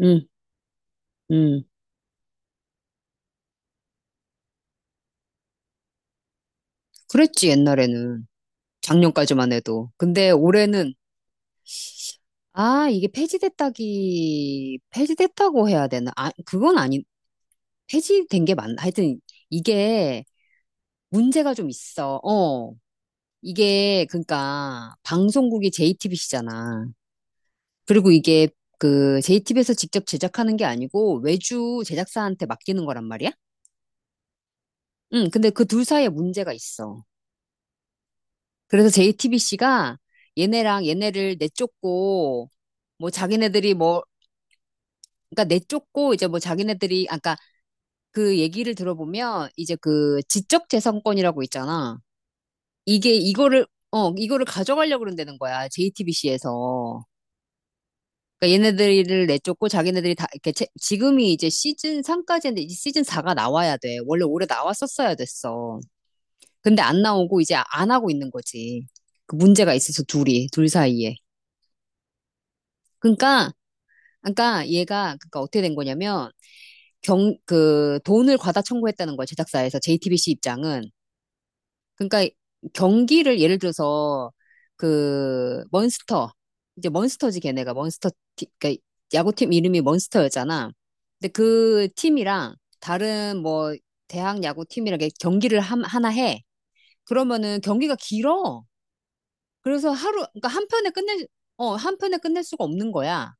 응, 응. 그랬지, 옛날에는. 작년까지만 해도. 근데 올해는, 아, 이게 폐지됐다고 해야 되나? 아, 그건 아니, 폐지된 게 맞나? 하여튼, 이게 문제가 좀 있어. 어. 이게, 그러니까, 방송국이 JTBC잖아. 그리고 이게, 그, JTBC에서 직접 제작하는 게 아니고, 외주 제작사한테 맡기는 거란 말이야? 응, 근데 그 둘 사이에 문제가 있어. 그래서 JTBC가 얘네랑 얘네를 내쫓고 뭐 자기네들이 뭐 그러니까 내쫓고 이제 뭐 자기네들이 아까 그 얘기를 들어보면 이제 그 지적 재산권이라고 있잖아. 이게 이거를 가져가려고 그런다는 거야. JTBC에서. 그러니까 얘네들을 내쫓고 자기네들이 다 이렇게 지금이 이제 시즌 3까지인데 이제 시즌 4가 나와야 돼. 원래 올해 나왔었어야 됐어. 근데 안 나오고 이제 안 하고 있는 거지. 그 문제가 있어서 둘이 둘 사이에. 그러니까 그러니까 얘가 그러니까 어떻게 된 거냐면 경 그 돈을 과다 청구했다는 거야, 제작사에서. JTBC 입장은 그러니까 경기를 예를 들어서 그 먼스터 이제 먼스터지 걔네가 먼스터 그러니까 야구팀 이름이 먼스터였잖아. 근데 그 팀이랑 다른 뭐 대학 야구팀이랑 이렇게 경기를 하나 해. 그러면은 경기가 길어. 그래서 하루 그러니까 한 편에 끝낼 수가 없는 거야.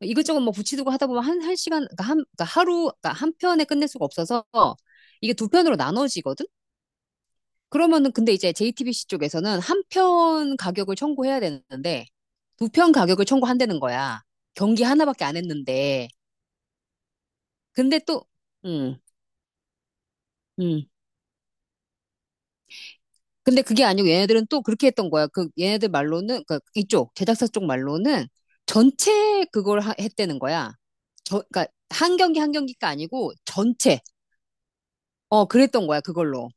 이것저것 뭐 붙이두고 하다 보면 한, 한 시간, 그러니까 한, 그러니까 하루, 그러니까 한 편에 끝낼 수가 없어서 이게 두 편으로 나눠지거든? 그러면은 근데 이제 JTBC 쪽에서는 한 편 가격을 청구해야 되는데 두 편 가격을 청구한다는 거야. 경기 하나밖에 안 했는데. 근데 또, 음, 음. 근데 그게 아니고 얘네들은 또 그렇게 했던 거야. 그 얘네들 말로는, 그 이쪽, 제작사 쪽 말로는 전체 그걸 했다는 거야. 저, 그러니까 한 경기 한 경기가 아니고 전체. 어, 그랬던 거야, 그걸로.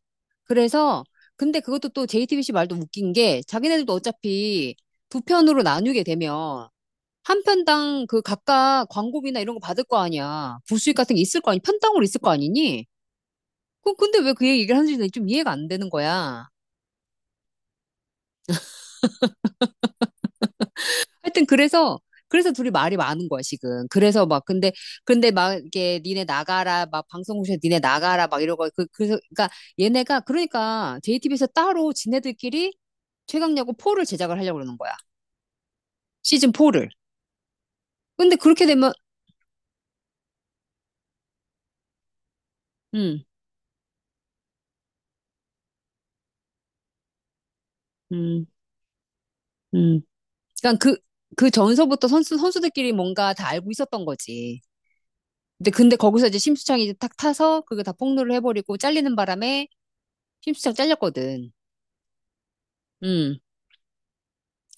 그래서 근데 그것도 또 JTBC 말도 웃긴 게 자기네들도 어차피 두 편으로 나누게 되면 한 편당 그 각각 광고비나 이런 거 받을 거 아니야. 부수익 같은 게 있을 거 아니, 편당으로 있을 거 아니니? 그 근데 왜 그 얘기를 하는지 좀 이해가 안 되는 거야. 하여튼 그래서 둘이 말이 많은 거야, 지금. 그래서 막 근데 막 이게 니네 나가라, 막 방송국에서 니네 나가라, 막 이러고 그 그래서 그러니까 얘네가 그러니까 JTBC에서 따로 지네들끼리 최강 야구 4를 제작을 하려고 그러는 거야. 시즌 4를. 근데 그렇게 되면, 음, 음, 음. 그러니까 그, 그 전서부터 선수들끼리 뭔가 다 알고 있었던 거지. 근데 거기서 이제 심수창이 이제 탁 타서 그거 다 폭로를 해버리고 잘리는 바람에 심수창 잘렸거든. 음.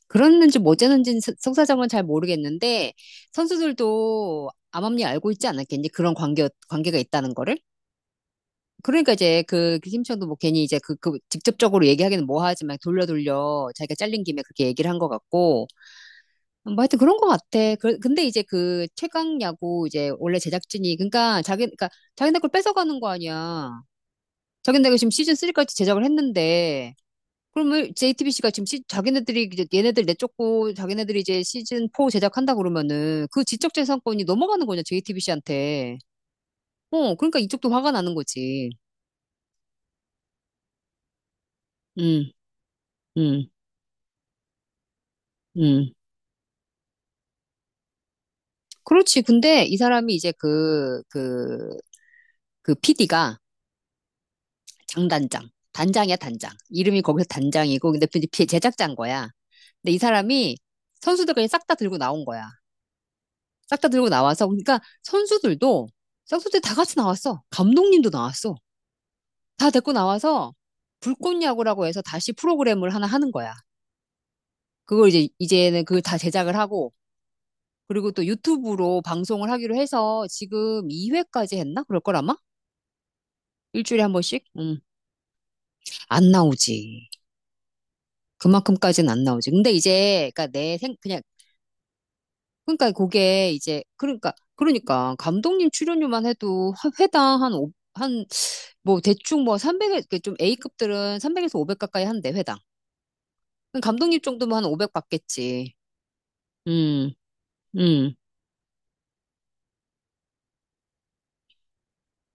그랬는지 뭐 어쨌는지 속사정은 잘 모르겠는데 선수들도 암암리 알고 있지 않았겠니? 그런 관계가 있다는 거를? 그러니까 이제 그, 그 심수창도 뭐 괜히 이제 그, 그 직접적으로 얘기하기는 뭐하지만 돌려 돌려 자기가 잘린 김에 그렇게 얘기를 한 것 같고, 뭐 하여튼 그런 것 같아. 그, 근데 이제 그 최강 야구 이제 원래 제작진이 그러니까 자기네 걸 뺏어가는 거 아니야. 자기네가 지금 시즌 3까지 제작을 했는데 그러면 JTBC가 지금 자기네들이 이제 얘네들 내쫓고 자기네들이 이제 시즌 4 제작한다 그러면은 그 지적 재산권이 넘어가는 거냐, JTBC한테. 어, 그러니까 이쪽도 화가 나는 거지. 음, 음, 음. 그렇지. 근데 이 사람이 이제 그 PD가 장단장. 단장이야, 단장. 이름이 거기서 단장이고, 근데 제작자인 거야. 근데 이 사람이 선수들 그냥 싹 다 들고 나온 거야. 싹 다 들고 나와서, 그러니까 선수들 다 같이 나왔어. 감독님도 나왔어. 다 데리고 나와서 불꽃야구라고 해서 다시 프로그램을 하나 하는 거야. 그걸 이제, 이제는 그걸 다 제작을 하고, 그리고 또 유튜브로 방송을 하기로 해서 지금 2회까지 했나? 그럴 걸, 아마? 일주일에 한 번씩? 안 나오지. 그만큼까지는 안 나오지. 근데 이제, 그니까 그냥 그러니까 그게 이제 그러니까 감독님 출연료만 해도 회당 한 뭐 대충 뭐 300에, 좀 A급들은 300에서 500 가까이 한대, 회당. 그럼 감독님 정도면 한 500 받겠지. 음. 음.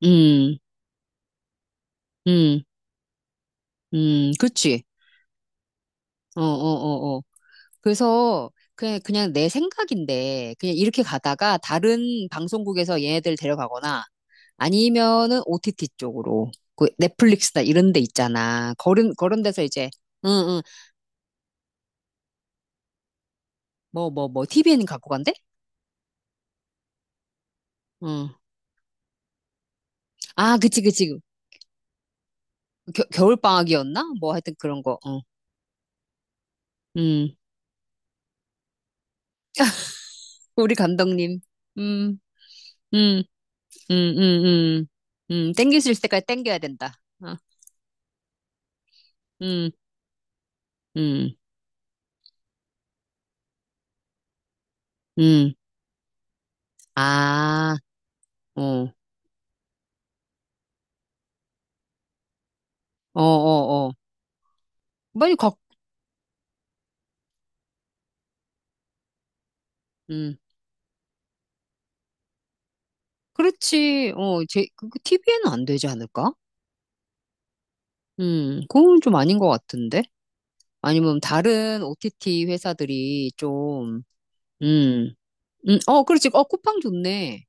음. 음. 음. 그치. 어, 어, 어, 어. 그래서 그냥 내 생각인데 그냥 이렇게 가다가 다른 방송국에서 얘네들 데려가거나, 아니면은 OTT 쪽으로 그 넷플릭스나 이런 데 있잖아, 그런 데서 이제. 응응. 뭐 TV 는 갖고 간대? 응. 아, 그치 그치. 겨울 방학이었나? 뭐 하여튼 그런 거. 어. 음. 우리 감독님. 음. 음. 음. 음. 음. 음. 땡길 수 있을 때까지 땡겨야 된다. 어. 음. 음. 음. 아. 어. 어, 어, 어. 빨리 각. 음. 그렇지. 어, TV에는 안 되지 않을까? 그건 좀 아닌 것 같은데? 아니면 다른 OTT 회사들이 좀, 음, 어, 그렇지. 어, 쿠팡 좋네.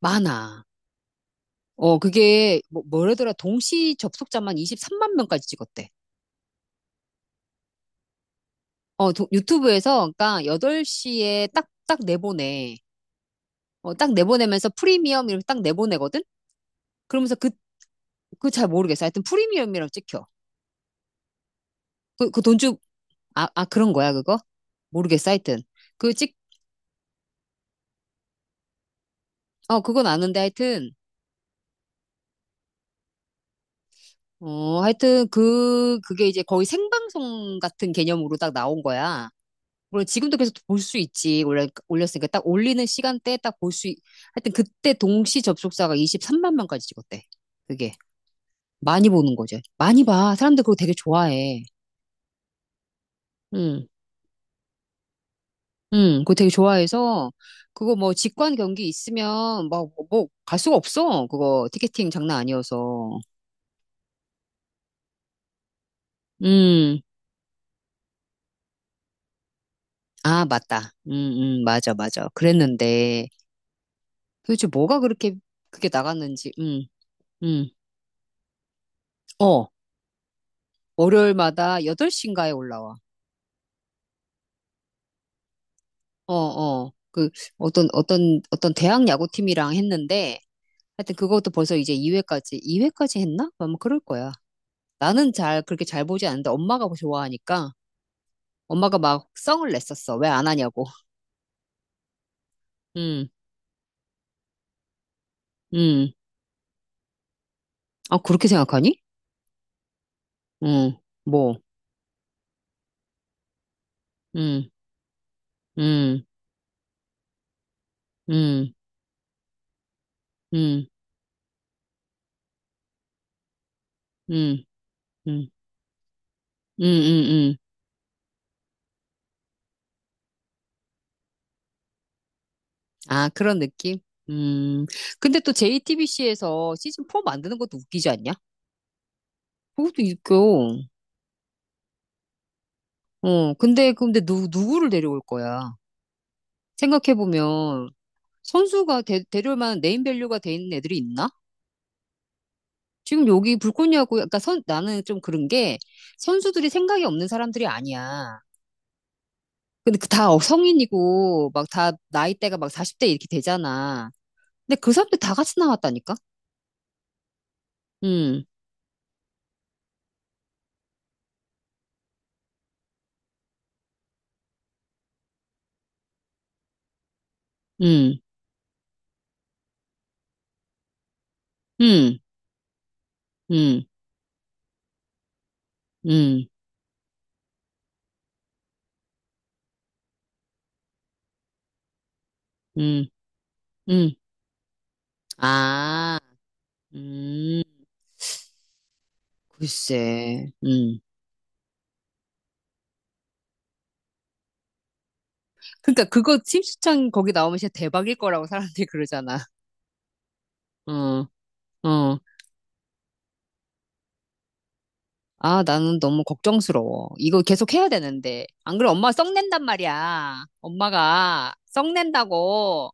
많아. 어, 그게, 뭐, 뭐라더라. 동시 접속자만 23만 명까지 찍었대. 어, 유튜브에서, 그러니까 8시에 딱 내보내. 어, 딱 내보내면서 프리미엄 이렇게 딱 내보내거든? 그러면서 그 잘 모르겠어. 하여튼 프리미엄이라고 찍혀. 그, 그 돈 주, 아, 아, 그런 거야, 그거? 모르겠어. 하여튼. 그 찍, 어, 그건 아는데 하여튼. 어, 하여튼 그게 이제 거의 생방송 같은 개념으로 딱 나온 거야. 물론 지금도 계속 볼 수 있지. 올렸으니까 딱 올리는 시간대에 딱 볼 수 있... 하여튼 그때 동시 접속자가 23만 명까지 찍었대. 그게 많이 보는 거죠. 많이 봐. 사람들 그거 되게 좋아해. 응, 응, 그거 되게 좋아해서 그거 뭐 직관 경기 있으면 막뭐갈 수가 없어. 그거 티켓팅 장난 아니어서. 음, 아, 맞다. 맞아, 맞아. 그랬는데. 도대체 뭐가 그렇게 그게 나갔는지. 음. 음. 어. 월요일마다 8시인가에 올라와. 어, 어. 그 어떤 대학 야구팀이랑 했는데, 하여튼 그것도 벌써 이제 2회까지 했나? 아마 그럴 거야. 나는 잘, 그렇게 잘 보지 않는데 엄마가 뭐 좋아하니까. 엄마가 막 성을 냈었어. 왜 안 하냐고. 음. 음. 아, 그렇게 생각하니? 음. 뭐. 음. 음. 음. 음. 음. 음. 음. 음. 음. 아, 그런 느낌? 음. 근데 또 JTBC에서 시즌 4 만드는 것도 웃기지 않냐? 그것도 웃겨. 어, 근데 누구를 데려올 거야? 생각해보면, 선수가 데려올 만한 네임밸류가 돼 있는 애들이 있나? 지금 여기 불꽃이하고, 그러니까 나는 좀 그런 게, 선수들이 생각이 없는 사람들이 아니야. 근데 그 다 성인이고, 막 다 나이대가 막 40대 이렇게 되잖아. 근데 그 사람들 다 같이 나왔다니까? 음, 음, 음, 음, 음, 음. 음. 아, 음, 글쎄, 그러니까 그거 팀수창 거기 나오면 진짜 대박일 거라고 사람들이 그러잖아. 어, 어. 아, 나는 너무 걱정스러워. 이거 계속 해야 되는데. 안 그래, 엄마 가 썩낸단 말이야. 엄마가 썩낸다고.